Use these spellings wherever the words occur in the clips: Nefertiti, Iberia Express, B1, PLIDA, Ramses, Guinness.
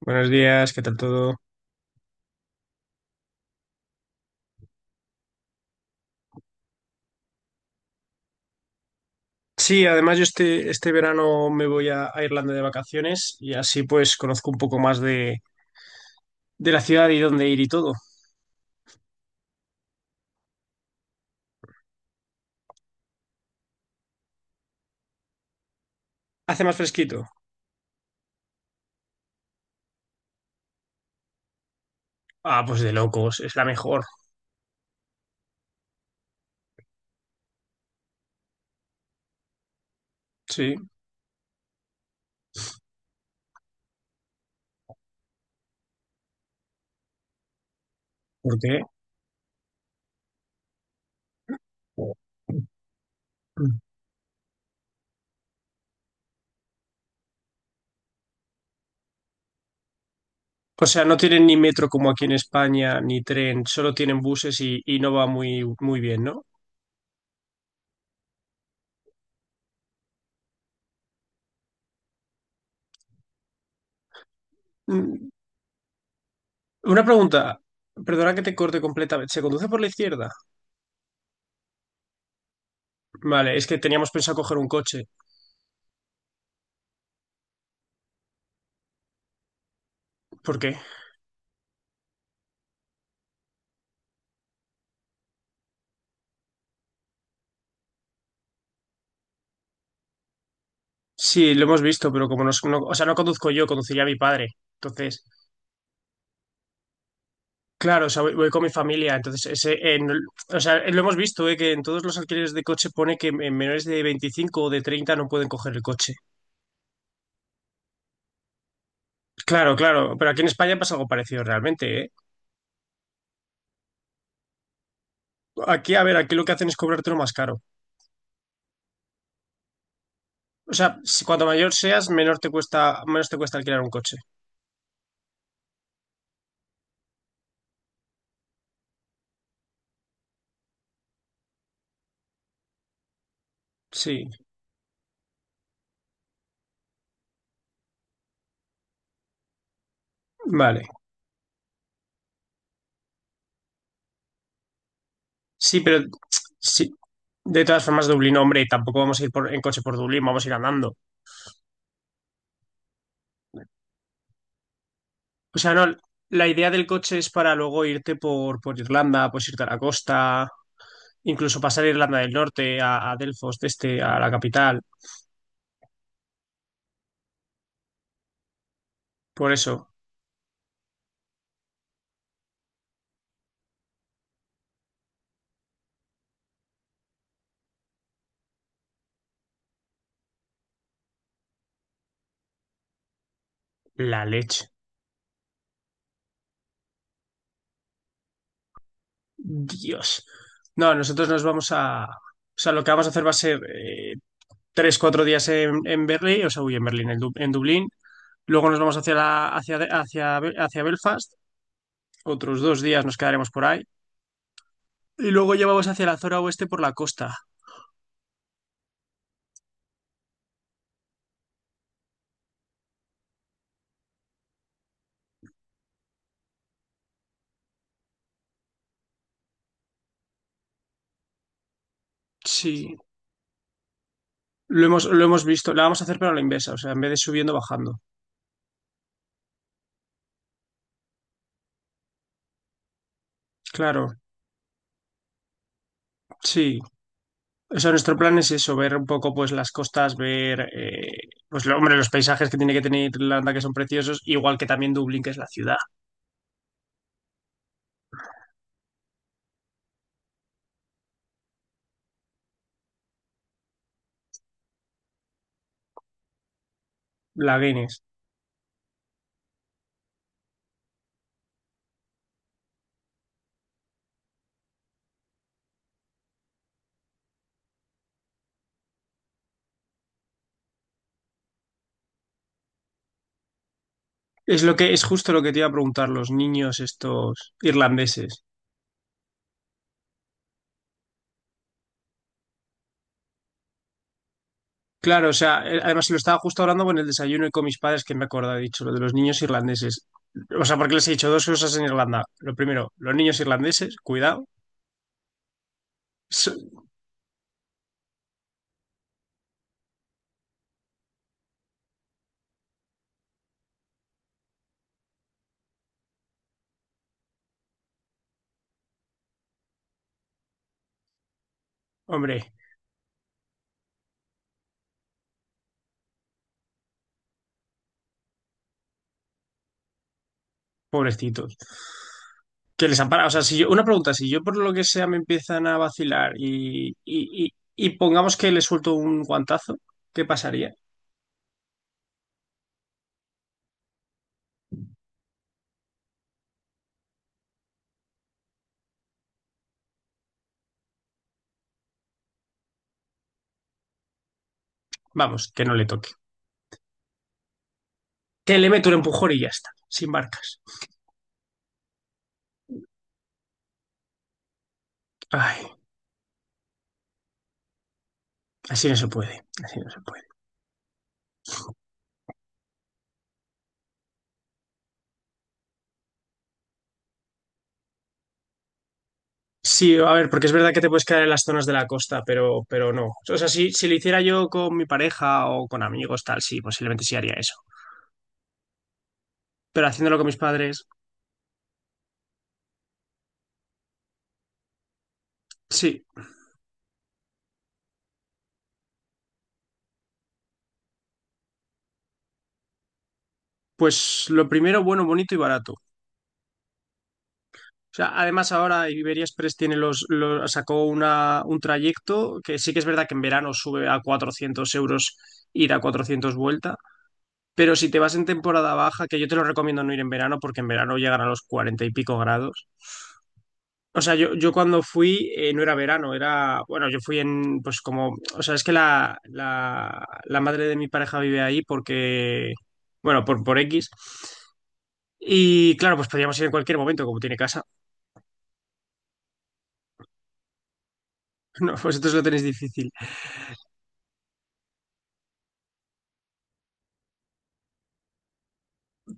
Buenos días, ¿qué tal todo? Sí, además yo este verano me voy a Irlanda de vacaciones y así pues conozco un poco más de la ciudad y dónde ir y todo. ¿Hace más fresquito? Ah, pues de locos, es la mejor. Sí, ¿por qué? O sea, no tienen ni metro como aquí en España, ni tren, solo tienen buses y no va muy, muy bien, ¿no? Mm. Una pregunta, perdona que te corte completamente, ¿se conduce por la izquierda? Vale, es que teníamos pensado coger un coche. ¿Por qué? Sí, lo hemos visto, pero como no, o sea, no conduzco yo, conduciría a mi padre. Entonces, claro, o sea, voy con mi familia. Entonces, ese, o sea, lo hemos visto, que en todos los alquileres de coche pone que en menores de 25 o de 30 no pueden coger el coche. Claro, claro, pero aquí en España pasa algo parecido realmente, ¿eh? Aquí, a ver, aquí lo que hacen es cobrártelo más caro. O sea, si cuanto mayor seas, menor te cuesta, menos te cuesta alquilar un coche. Sí, vale. Sí, pero sí, de todas formas, Dublín, hombre, tampoco vamos a ir en coche por Dublín, vamos a ir andando. O sea, no, la idea del coche es para luego irte por Irlanda, pues irte a la costa, incluso pasar a Irlanda del Norte, a Delfos, de este, a la capital. Por eso, la leche. Dios. No, nosotros nos vamos a... O sea, lo que vamos a hacer va a ser 3, 4 días en Berlín, o sea, uy, en Berlín, en Dublín. Luego nos vamos hacia, la- hacia, hacia, Be- hacia Belfast. Otros 2 días nos quedaremos por ahí. Y luego ya vamos hacia la zona oeste por la costa. Sí. Lo hemos visto, la vamos a hacer pero a la inversa, o sea, en vez de subiendo, bajando. Claro, sí. O sea, nuestro plan es eso, ver un poco pues las costas, ver pues hombre, los paisajes que tiene que tener Irlanda que son preciosos, igual que también Dublín, que es la ciudad. La Guinness. Es lo que es justo lo que te iba a preguntar los niños estos irlandeses. Claro, o sea, además lo estaba justo hablando con el desayuno y con mis padres que me acordaba, he dicho lo de los niños irlandeses. O sea, porque les he dicho dos cosas en Irlanda. Lo primero, los niños irlandeses, cuidado. So- Hombre, pobrecitos. Que les ampara. O sea, si yo, una pregunta, si yo por lo que sea me empiezan a vacilar y pongamos que le suelto un guantazo, ¿qué pasaría? Vamos, que no le toque. Que le meto un empujón y ya está, sin marcas. Ay, así no se puede, así no se puede. Sí, a ver, porque es verdad que te puedes quedar en las zonas de la costa, pero no. O sea, si lo hiciera yo con mi pareja o con amigos, tal, sí, posiblemente sí haría eso. Pero haciéndolo con mis padres, sí. Pues lo primero, bueno, bonito y barato. O sea, además ahora Iberia Express tiene sacó un trayecto que sí que es verdad que en verano sube a 400 € ida, 400 vuelta, pero si te vas en temporada baja, que yo te lo recomiendo no ir en verano porque en verano llegan a los 40 y pico grados. O sea, yo cuando fui no era verano, era, bueno, yo fui en, pues como, o sea, es que la madre de mi pareja vive ahí porque, bueno, por X. Y claro, pues podíamos ir en cualquier momento, como tiene casa. No, vosotros lo tenéis difícil.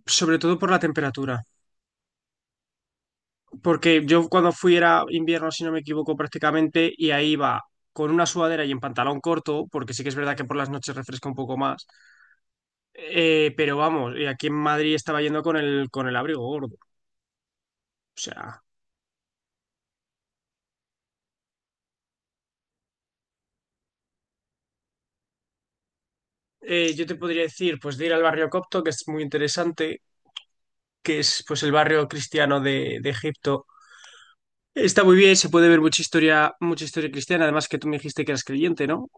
Sobre todo por la temperatura, porque yo cuando fui era invierno, si no me equivoco, prácticamente, y ahí iba con una sudadera y en pantalón corto, porque sí que es verdad que por las noches refresca un poco más. Pero vamos, y aquí en Madrid estaba yendo con el abrigo gordo. O sea, yo te podría decir, pues de ir al barrio copto, que es muy interesante, que es pues el barrio cristiano de Egipto. Está muy bien, se puede ver mucha historia cristiana, además que tú me dijiste que eras creyente, ¿no?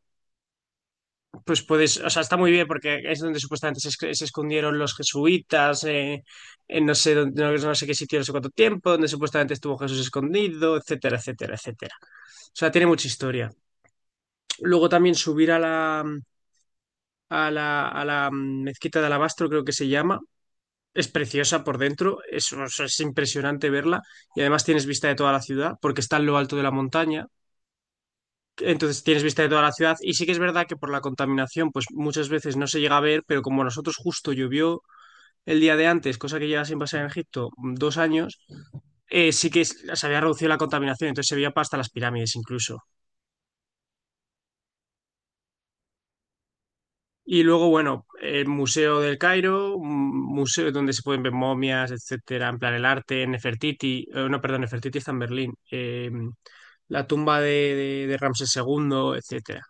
Pues puedes, o sea, está muy bien porque es donde supuestamente se escondieron los jesuitas, en no, no sé qué sitio, no sé cuánto tiempo, donde supuestamente estuvo Jesús escondido, etcétera, etcétera, etcétera. O sea, tiene mucha historia. Luego también subir a a la mezquita de Alabastro, creo que se llama. Es preciosa por dentro, es, o sea, es impresionante verla y además tienes vista de toda la ciudad porque está en lo alto de la montaña. Entonces tienes vista de toda la ciudad y sí que es verdad que por la contaminación pues muchas veces no se llega a ver, pero como a nosotros justo llovió el día de antes, cosa que lleva sin pasar en Egipto 2 años, sí que se había reducido la contaminación, entonces se veía hasta las pirámides incluso. Y luego, bueno, el Museo del Cairo, un museo donde se pueden ver momias, etcétera, en plan el arte, Nefertiti, no, perdón, Nefertiti está en Berlín, la tumba de Ramsés II, etcétera.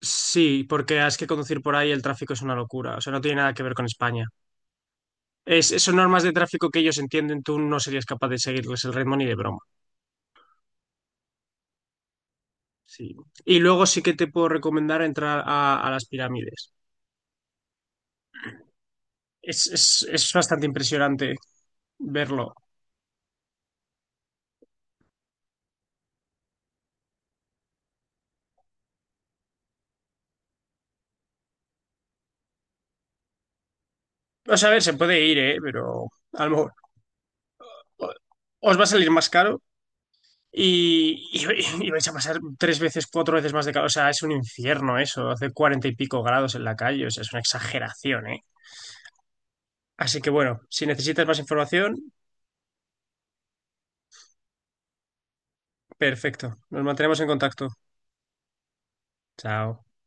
Sí, porque es que conducir por ahí el tráfico es una locura. O sea, no tiene nada que ver con España. Es, son normas de tráfico que ellos entienden, tú no serías capaz de seguirles el ritmo ni de broma. Sí. Y luego sí que te puedo recomendar entrar a las pirámides. Es bastante impresionante verlo. O sea, a ver, se puede ir, ¿eh? Pero a lo mejor o- os va a salir más caro y vais a pasar tres veces, cuatro veces más de calor. O sea, es un infierno eso, hace cuarenta y pico grados en la calle. O sea, es una exageración, eh. Así que bueno, si necesitas más información, perfecto. Nos mantenemos en contacto. Chao.